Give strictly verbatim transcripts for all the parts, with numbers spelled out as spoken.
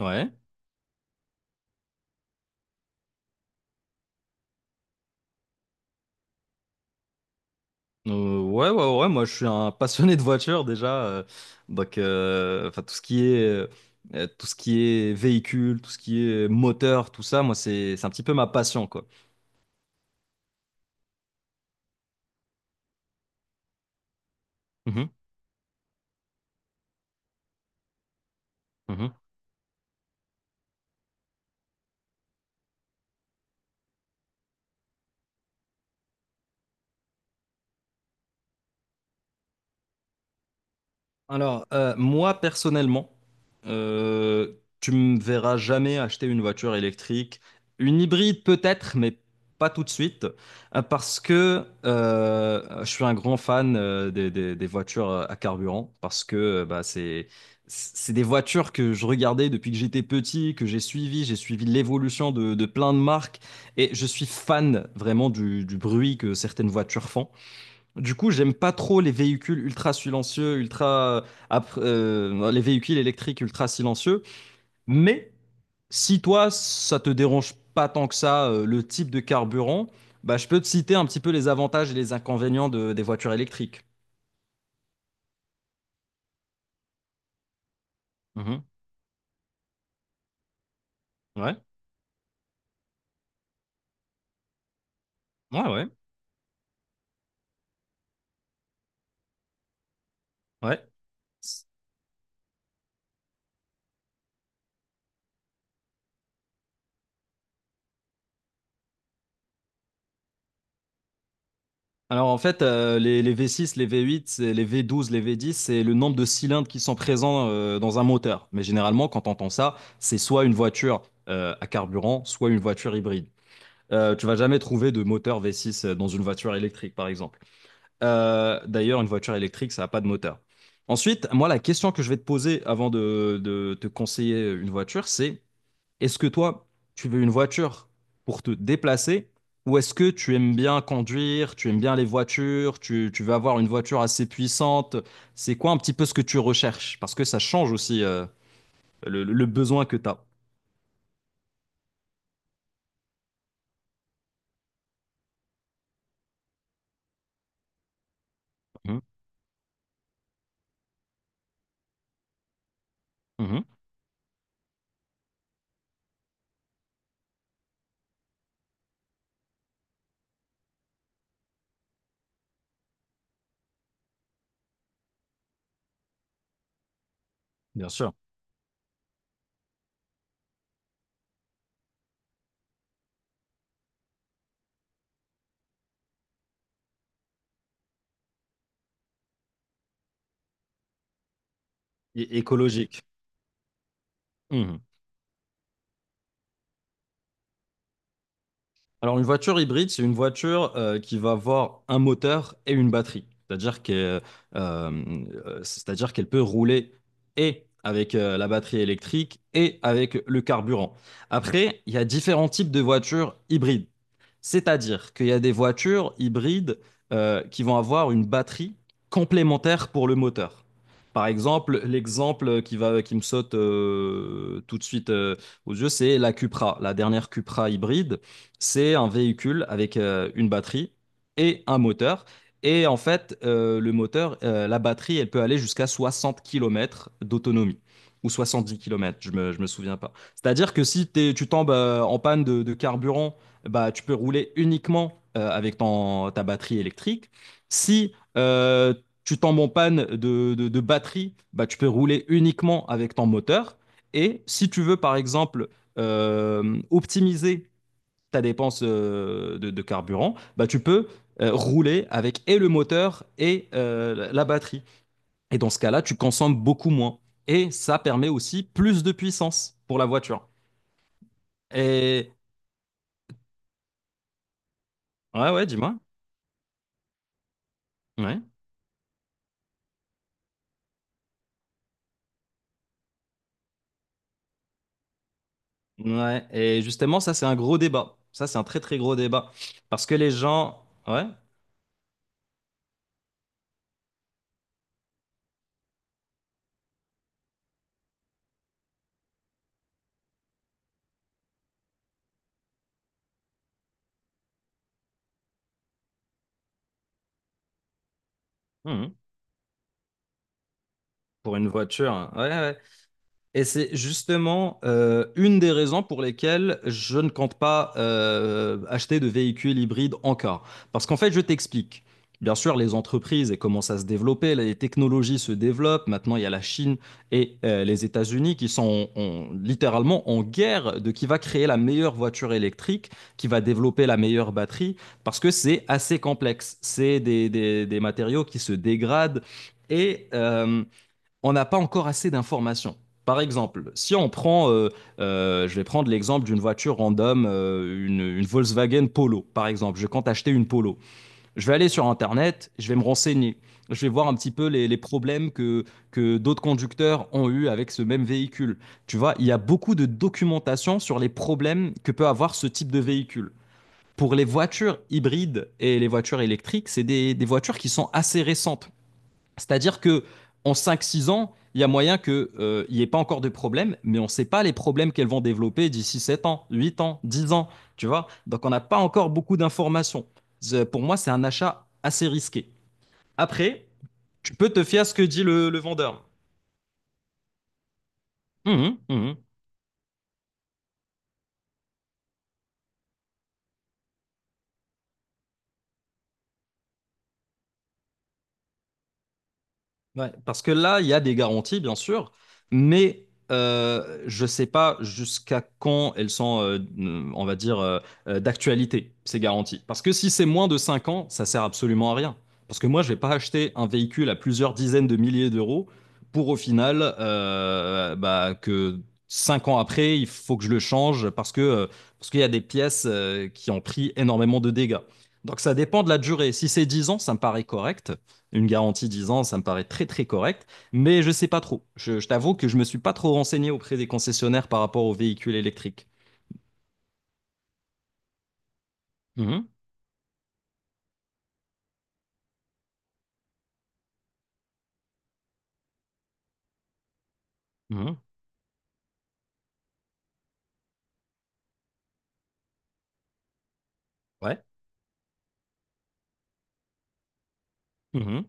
Ouais. Euh, ouais, ouais, ouais, moi je suis un passionné de voiture déjà. Euh, donc, euh, enfin, tout ce qui est, euh, tout ce qui est véhicule, tout ce qui est moteur, tout ça, moi c'est, c'est un petit peu ma passion, quoi. Mhm, mhm. Alors, euh, moi personnellement, euh, tu me verras jamais acheter une voiture électrique, une hybride peut-être, mais pas tout de suite, euh, parce que euh, je suis un grand fan euh, des, des- des voitures euh, à carburant, parce que euh, bah, c'est c'est des voitures que je regardais depuis que j'étais petit, que j'ai suivi, j'ai suivi l'évolution de, de plein de marques, et je suis fan vraiment du du bruit que certaines voitures font. Du coup, j'aime pas trop les véhicules ultra silencieux, ultra après- euh, les véhicules électriques ultra silencieux. Mais si toi, ça te dérange pas tant que ça, euh, le type de carburant, bah, je peux te citer un petit peu les avantages et les inconvénients de- des voitures électriques. Mhm. Ouais, ouais, ouais, ouais. Alors en fait, euh, les, les V six, les V huit, c'est- les V douze, les V dix, c'est le nombre de cylindres qui sont présents euh, dans un moteur. Mais généralement, quand on entend ça, c'est soit une voiture euh, à carburant, soit une voiture hybride. Euh, tu vas jamais trouver de moteur V six dans une voiture électrique, par exemple. Euh, d'ailleurs, une voiture électrique, ça n'a pas de moteur. Ensuite, moi, la question que je vais te poser avant de, de te conseiller une voiture, c'est est-ce que toi, tu veux une voiture pour te déplacer ou est-ce que tu aimes bien conduire, tu aimes bien les voitures, tu, tu veux avoir une voiture assez puissante? C'est quoi un petit peu ce que tu recherches? Parce que ça change aussi euh, le, le besoin que tu as. Mhm, mhm, bien sûr. Et écologique. Alors, une voiture hybride, c'est une voiture euh, qui va avoir un moteur et une batterie. C'est-à-dire que, euh, euh, c'est-à-dire qu'elle peut rouler et avec euh, la batterie électrique et avec le carburant. Après, il y a différents types de voitures hybrides. C'est-à-dire qu'il y a des voitures hybrides euh, qui vont avoir une batterie complémentaire pour le moteur. Par exemple, l'exemple qui va, qui me saute euh, tout de suite euh, aux yeux, c'est la Cupra, la dernière Cupra hybride. C'est un véhicule avec euh, une batterie et un moteur. Et en fait, euh, le moteur, euh, la batterie, elle peut aller jusqu'à soixante kilomètres d'autonomie. Ou soixante-dix kilomètres, je me, je me souviens pas. C'est-à-dire que si t'es- tu tombes euh, en panne de, de carburant, bah, tu peux rouler uniquement euh, avec ton- ta batterie électrique. Si euh, tu tombes en panne de, de- de batterie, bah, tu peux rouler uniquement avec ton moteur. Et si tu veux, par exemple, euh, optimiser ta dépense euh, de, de carburant, bah, tu peux euh, rouler avec et le moteur et euh, la- batterie. Et dans ce cas-là, tu consommes beaucoup moins. Et ça permet aussi plus de puissance pour la voiture. Et ouais, ouais, dis-moi. Ouais. Ouais. Et justement, ça, c'est un gros débat. Ça, c'est un très, très gros débat. Parce que les gens. Ouais. Mhm. Pour une voiture. Ouais, ouais. Et c'est justement euh, une des raisons pour lesquelles je ne compte pas euh, acheter de véhicules hybrides encore. Parce qu'en fait, je t'explique. Bien sûr, les entreprises elles commencent à se développer, les technologies se développent. Maintenant, il y a la Chine et euh, les États-Unis qui sont en- en- littéralement en guerre de qui va créer la meilleure voiture électrique, qui va développer la meilleure batterie, parce que c'est assez complexe. C'est des, des- des matériaux qui se dégradent. Et euh, on n'a pas encore assez d'informations. Par exemple, si on prend, euh, euh, je vais prendre l'exemple d'une voiture random, euh, une, une Volkswagen Polo, par exemple. Je compte acheter une Polo. Je vais aller sur Internet, je vais me renseigner. Je vais voir un petit peu les, les problèmes que, que d'autres conducteurs ont eu avec ce même véhicule. Tu vois, il y a beaucoup de documentation sur les problèmes que peut avoir ce type de véhicule. Pour les voitures hybrides et les voitures électriques, c'est des, des voitures qui sont assez récentes. C'est-à-dire que en cinq-six ans, il y a moyen qu'il n'y ait pas encore de problème, mais on ne sait pas les problèmes qu'elles vont développer d'ici sept ans, huit ans, dix ans, tu vois. Donc on n'a pas encore beaucoup d'informations. C'est- Pour moi, c'est un achat assez risqué. Après, tu peux te fier à ce que dit le, le vendeur. Mhm, mhm. Ouais, parce que là, il y a des garanties, bien sûr, mais euh, je ne sais pas jusqu'à quand elles sont, euh, on va dire, euh, euh, d'actualité, ces garanties. Parce que si c'est moins de cinq ans, ça sert absolument à rien. Parce que moi, je ne vais pas acheter un véhicule à plusieurs dizaines de milliers d'euros pour au final euh, bah, que cinq ans après, il faut que je le change parce que, euh, parce qu'il y a des pièces euh, qui ont pris énormément de dégâts. Donc ça dépend de la durée. Si c'est dix ans, ça me paraît correct. Une garantie dix ans, ça me paraît très très correct, mais je sais pas trop. Je, je t'avoue que je me suis pas trop renseigné auprès des concessionnaires par rapport aux véhicules électriques. Mhm, mhm, ouais, mhm,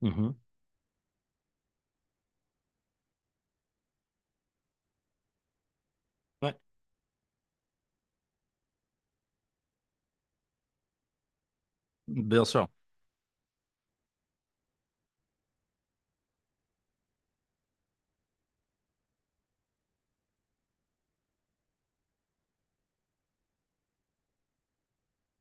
mhm, ouais, bien sûr.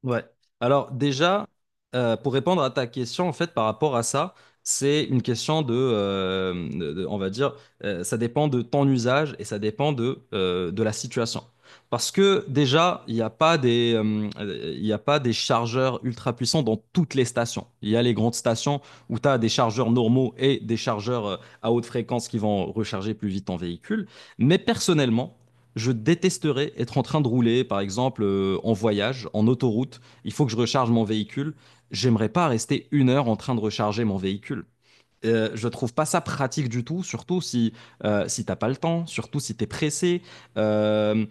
Ouais. Alors déjà, euh, pour répondre à ta question, en fait, par rapport à ça, c'est une question de, euh, de- de- on va dire, euh, ça dépend de ton usage et ça dépend de, euh, de la situation. Parce que déjà, il n'y a pas des, euh, euh, il y a pas des chargeurs ultra puissants dans toutes les stations. Il y a les grandes stations où tu as des chargeurs normaux et des chargeurs euh, à haute fréquence qui vont recharger plus vite ton véhicule. Mais personnellement, je détesterais être en train de rouler, par exemple, euh, en voyage, en autoroute. Il faut que je recharge mon véhicule. J'aimerais pas rester une heure en train de recharger mon véhicule. Euh, je trouve pas ça pratique du tout, surtout si, euh, si t'as pas le temps, surtout si t'es pressé. Euh,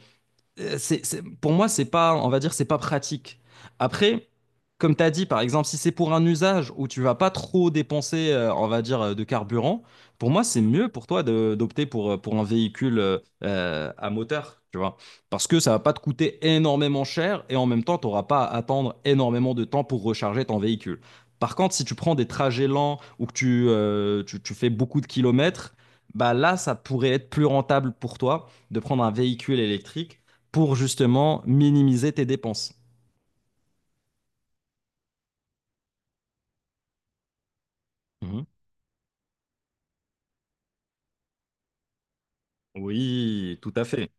euh, c'est, c'est- pour moi, c'est pas, on va dire, c'est pas pratique. Après, comme tu as dit, par exemple, si c'est pour un usage où tu vas pas trop dépenser, euh, on va dire, euh, de carburant, pour moi, c'est mieux pour toi de- d'opter pour, euh, pour un véhicule euh, euh, à moteur, tu vois. Parce que ça va pas te coûter énormément cher et en même temps, tu n'auras pas à attendre énormément de temps pour recharger ton véhicule. Par contre, si tu prends des trajets lents ou que tu, euh, tu, tu fais beaucoup de kilomètres, bah là, ça pourrait être plus rentable pour toi de prendre un véhicule électrique pour justement minimiser tes dépenses. Mhm. Oui, tout à fait.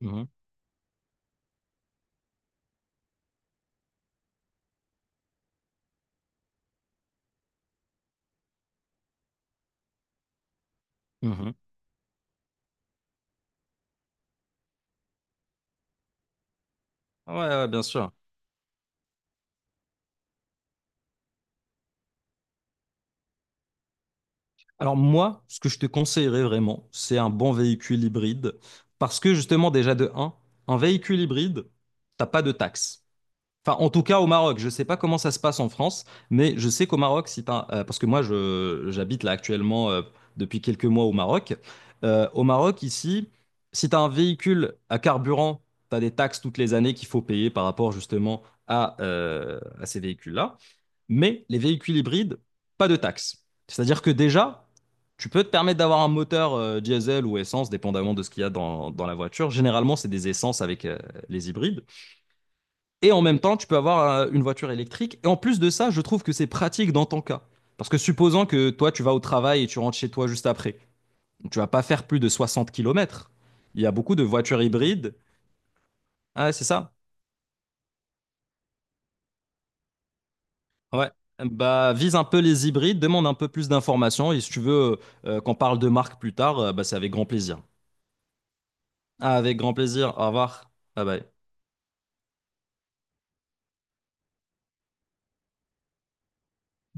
Mhm. Mhm. Ouais, ouais, bien sûr. Alors moi, ce que je te conseillerais vraiment, c'est un bon véhicule hybride. Parce que justement, déjà de un, un véhicule hybride, t'as pas de taxes. Enfin, en tout cas, au Maroc, je ne sais pas comment ça se passe en France, mais je sais qu'au Maroc, si t'as- euh, parce que moi, je, j'habite là actuellement euh, depuis quelques mois au Maroc. Euh, au Maroc, ici, si tu as un véhicule à carburant, tu as des taxes toutes les années qu'il faut payer par rapport justement à, euh, à ces véhicules-là. Mais les véhicules hybrides, pas de taxes. C'est-à-dire que déjà, tu peux te permettre d'avoir un moteur euh, diesel ou essence, dépendamment de ce qu'il y a dans, dans la voiture. Généralement, c'est des essences avec euh, les hybrides. Et en même temps, tu peux avoir euh, une voiture électrique. Et en plus de ça, je trouve que c'est pratique dans ton cas. Parce que supposons que toi, tu vas au travail et tu rentres chez toi juste après. Tu vas pas faire plus de soixante kilomètres. Il y a beaucoup de voitures hybrides. Ah, ouais, c'est ça? Ouais. Bah, vise un peu les hybrides, demande un peu plus d'informations. Et si tu veux euh, euh, qu'on parle de marque plus tard, euh, bah, c'est avec grand plaisir. Ah, avec grand plaisir. Au revoir. Bye bye.